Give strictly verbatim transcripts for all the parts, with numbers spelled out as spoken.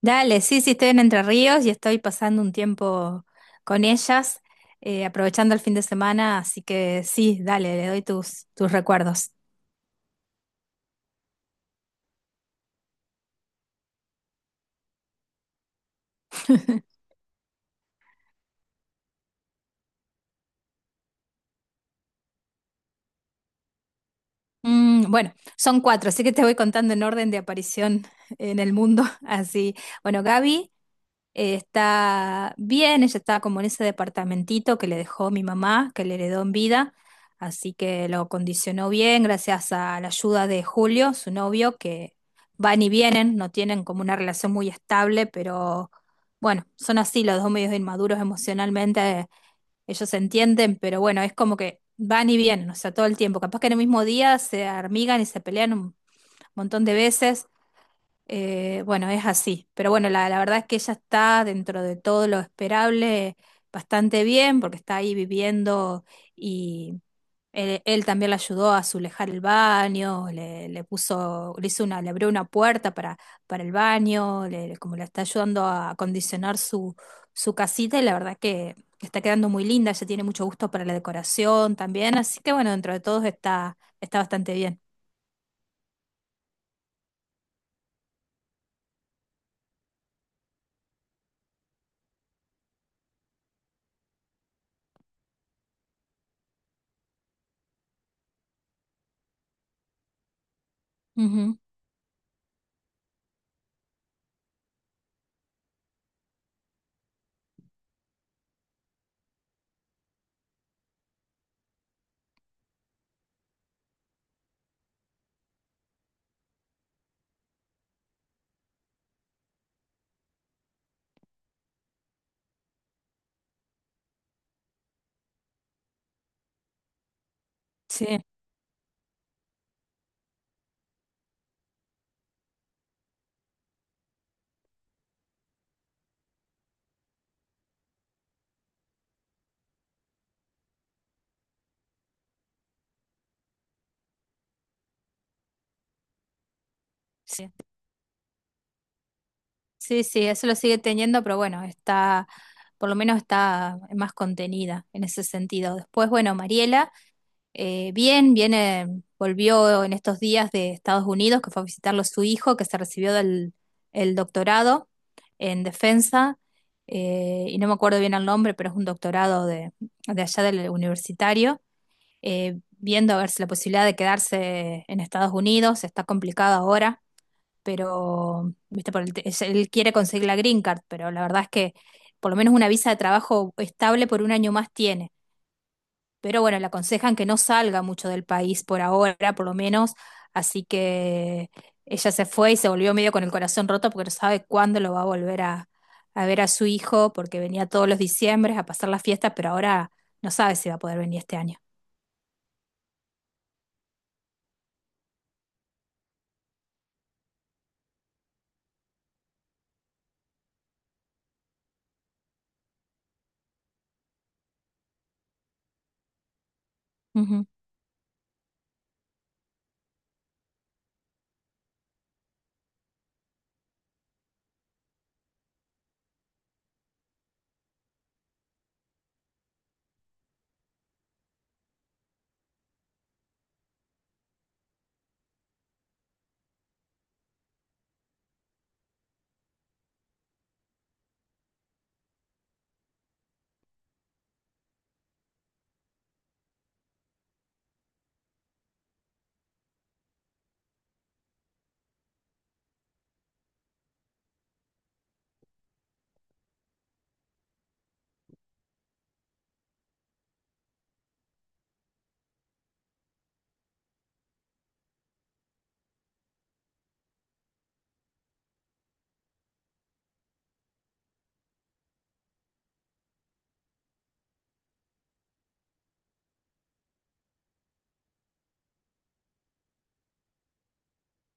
Dale, sí, sí, estoy en Entre Ríos y estoy pasando un tiempo con ellas, eh, aprovechando el fin de semana, así que sí, dale, le doy tus, tus recuerdos. Mm, bueno, son cuatro, así que te voy contando en orden de aparición en el mundo. Así, bueno, Gaby, Eh, está bien, ella está como en ese departamentito que le dejó mi mamá, que le heredó en vida, así que lo condicionó bien gracias a la ayuda de Julio, su novio, que van y vienen, no tienen como una relación muy estable, pero bueno, son así los dos medios inmaduros emocionalmente, ellos se entienden, pero bueno, es como que van y vienen, o sea, todo el tiempo, capaz que en el mismo día se armigan y se pelean un montón de veces eh, bueno, es así. Pero bueno, la, la verdad es que ella está dentro de todo lo esperable bastante bien porque está ahí viviendo y él, él también la ayudó a azulejar el baño, le, le puso, le hizo una, le abrió una puerta para, para el baño, le- como le está ayudando a acondicionar su, su casita y la verdad que está quedando muy linda, ella tiene mucho gusto para la decoración también, así que bueno, dentro de todo está, está bastante bien. Ujú. Sí. Sí. Sí, sí, eso lo sigue teniendo, pero bueno, está, por lo menos está más contenida en ese sentido. Después, bueno, Mariela, eh, bien, viene, volvió en estos días de Estados Unidos, que fue a visitarlo su hijo, que se recibió del el doctorado en defensa, eh, y no me acuerdo bien el nombre, pero es un doctorado de, de allá del universitario, eh, viendo a ver si la posibilidad de quedarse en Estados Unidos está complicado ahora pero, viste, por el te- es- él quiere conseguir la green card, pero la verdad es que por lo menos una visa de trabajo estable por un año más tiene. Pero bueno, le aconsejan que no salga mucho del país por ahora, por lo menos, así que ella se fue y se volvió medio con el corazón roto porque no sabe cuándo lo va a volver a, a ver a su hijo, porque venía todos los diciembres a pasar las fiestas, pero ahora no sabe si va a poder venir este año.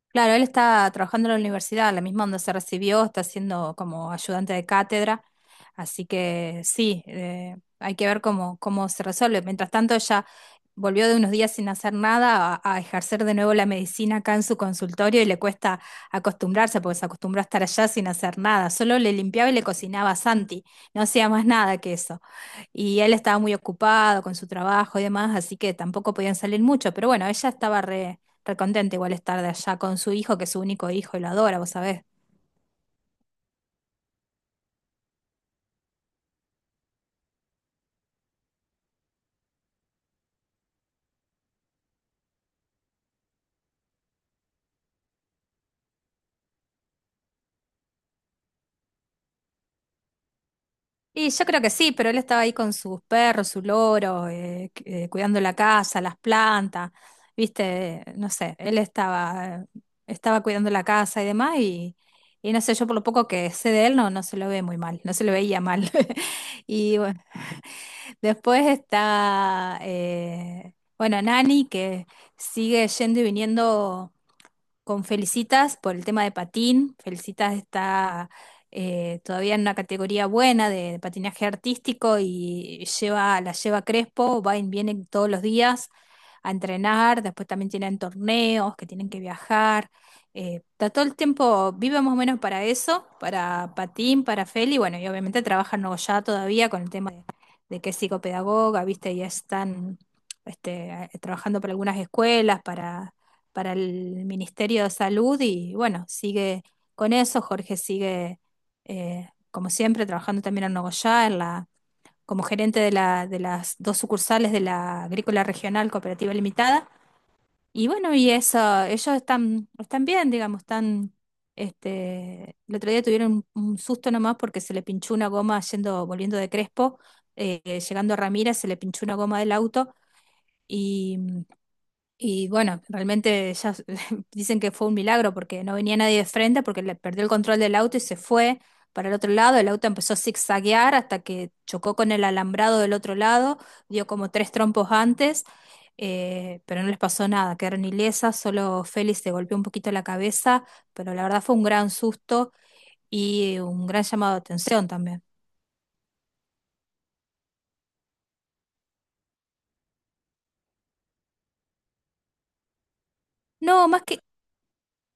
Claro, él está trabajando en la universidad, la misma donde se recibió, está siendo como ayudante de cátedra, así que sí, eh, hay que ver cómo, cómo se resuelve. Mientras tanto, ella volvió de unos días sin hacer nada a, a ejercer de nuevo la medicina acá en su consultorio y le cuesta acostumbrarse porque se acostumbró a estar allá sin hacer nada, solo le limpiaba y le cocinaba a Santi, no hacía más nada que eso. Y él estaba muy ocupado con su trabajo y demás, así que tampoco podían salir mucho. Pero bueno, ella estaba re, re contenta igual estar de allá con su hijo, que es su único hijo y lo adora, vos sabés. Y yo creo que sí, pero él estaba ahí con sus perros, su loro, eh, cu- eh, cuidando la casa, las plantas, viste, no sé, él estaba, estaba cuidando la casa y demás y, y no sé, yo por lo poco que sé de él no, no se lo ve muy mal, no se lo veía mal. Y bueno, después está, eh, bueno, Nani, que sigue yendo y viniendo con Felicitas por el tema de patín. Felicitas está eh, todavía en una categoría buena de patinaje artístico y lleva, la lleva Crespo, va y viene todos los días a entrenar, después también tienen torneos que tienen que viajar. Eh, está todo el tiempo, vive más o menos para eso, para patín, para Feli, bueno, y obviamente trabaja en Nogoyá todavía con el tema de que es psicopedagoga, viste, ya están este, eh, trabajando para algunas escuelas, para, para el Ministerio de Salud y bueno, sigue con eso, Jorge sigue eh, como siempre trabajando también en Nogoyá, en la, como gerente de, la, de las dos sucursales de la Agrícola Regional Cooperativa Limitada y bueno, y eso, ellos están, están bien, digamos, están, este, el otro día tuvieron un, un susto nomás porque se le pinchó una goma yendo, volviendo de Crespo, eh, llegando a Ramírez, se le pinchó una goma del auto y bueno, realmente ya s- dicen que fue un milagro porque no venía nadie de frente, porque le perdió el control del auto y se fue para el otro lado. El auto empezó a zigzaguear hasta que chocó con el alambrado del otro lado, dio como tres trompos antes, eh, pero no les pasó nada, quedaron ilesas, solo Félix se golpeó un poquito la cabeza, pero la verdad fue un gran susto y un gran llamado de atención también. No, más que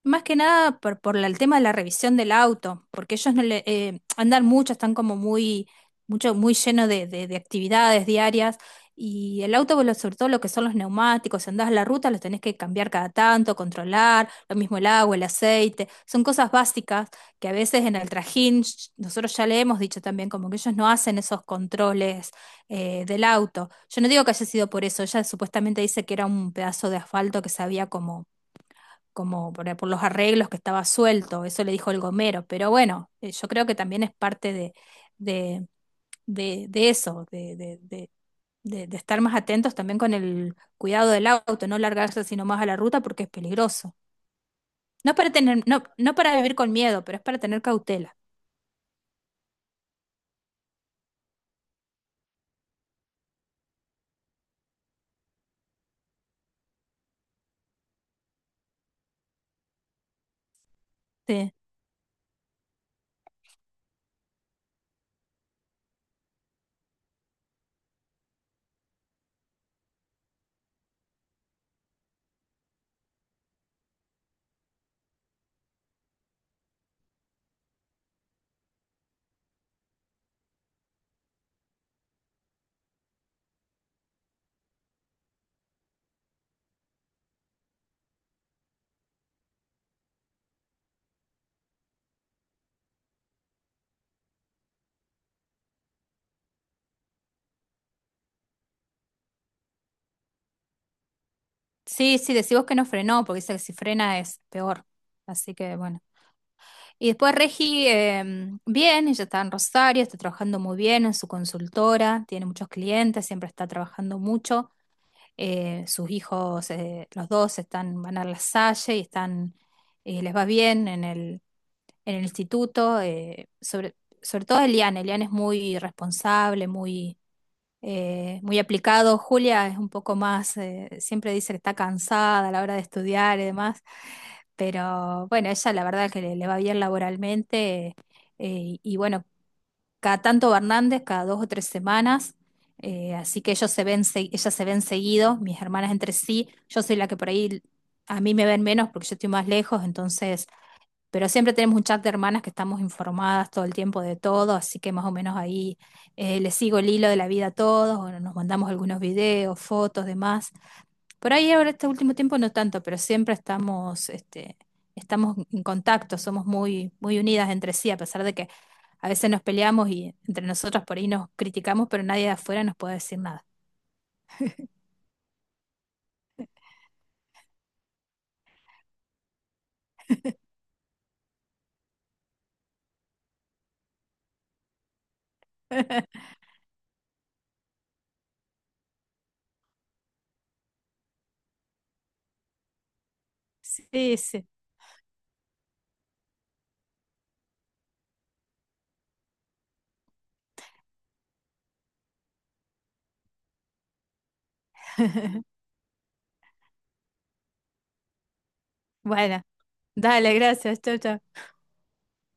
más que nada por, por la- el tema de la revisión del auto, porque ellos no le, eh, andan mucho, están como muy, mucho, muy lleno de, de- de actividades diarias. Y el auto, bueno, sobre todo lo que son los neumáticos, si andás a la ruta, los tenés que cambiar cada tanto, controlar, lo mismo el agua, el aceite, son cosas básicas que a veces en el trajín, sh- nosotros ya le hemos dicho también, como que ellos no hacen esos controles eh, del auto. Yo no digo que haya sido por eso, ella supuestamente dice que era un pedazo de asfalto que se había como como por, por los arreglos que estaba suelto, eso le dijo el gomero, pero bueno, eh, yo creo que también es parte de, de, de, de eso, de, de, de- de- de estar más atentos también con el cuidado del auto, no largarse sino más a la ruta porque es peligroso. No para tener, no, no para vivir con miedo, pero es para tener cautela. Sí, sí, sí, decimos que no frenó, porque dice que si frena es peor. Así que bueno. Y después Regi, eh, bien, ella está en Rosario, está trabajando muy bien en su consultora, tiene muchos clientes, siempre está trabajando mucho. Eh, sus hijos, eh, los dos están, van a la Salle y están, eh, les va bien en el, en el instituto. Eh, sobre, sobre todo Eliane, Eliane es muy responsable, muy, eh, muy aplicado. Julia es un poco más, eh, siempre dice que está cansada a la hora de estudiar y demás. Pero bueno, ella la verdad que le, le va bien laboralmente. Eh, y bueno, cada tanto va Hernández, cada dos o tres semanas. Eh, así que ellos se ven, se- ellas se ven seguido, mis hermanas entre sí. Yo soy la que por ahí a mí me ven menos porque yo estoy más lejos, entonces. Pero siempre tenemos un chat de hermanas que estamos informadas todo el tiempo de todo, así que más o menos ahí eh, les sigo el hilo de la vida a todos, o nos mandamos algunos videos, fotos, demás. Por ahí ahora este último tiempo no tanto, pero siempre estamos, este, estamos en contacto, somos muy, muy unidas entre sí, a pesar de que a veces nos peleamos y entre nosotras por ahí nos criticamos, pero nadie de afuera nos puede decir nada. Sí, sí. Bueno, dale, gracias. Chau, chau.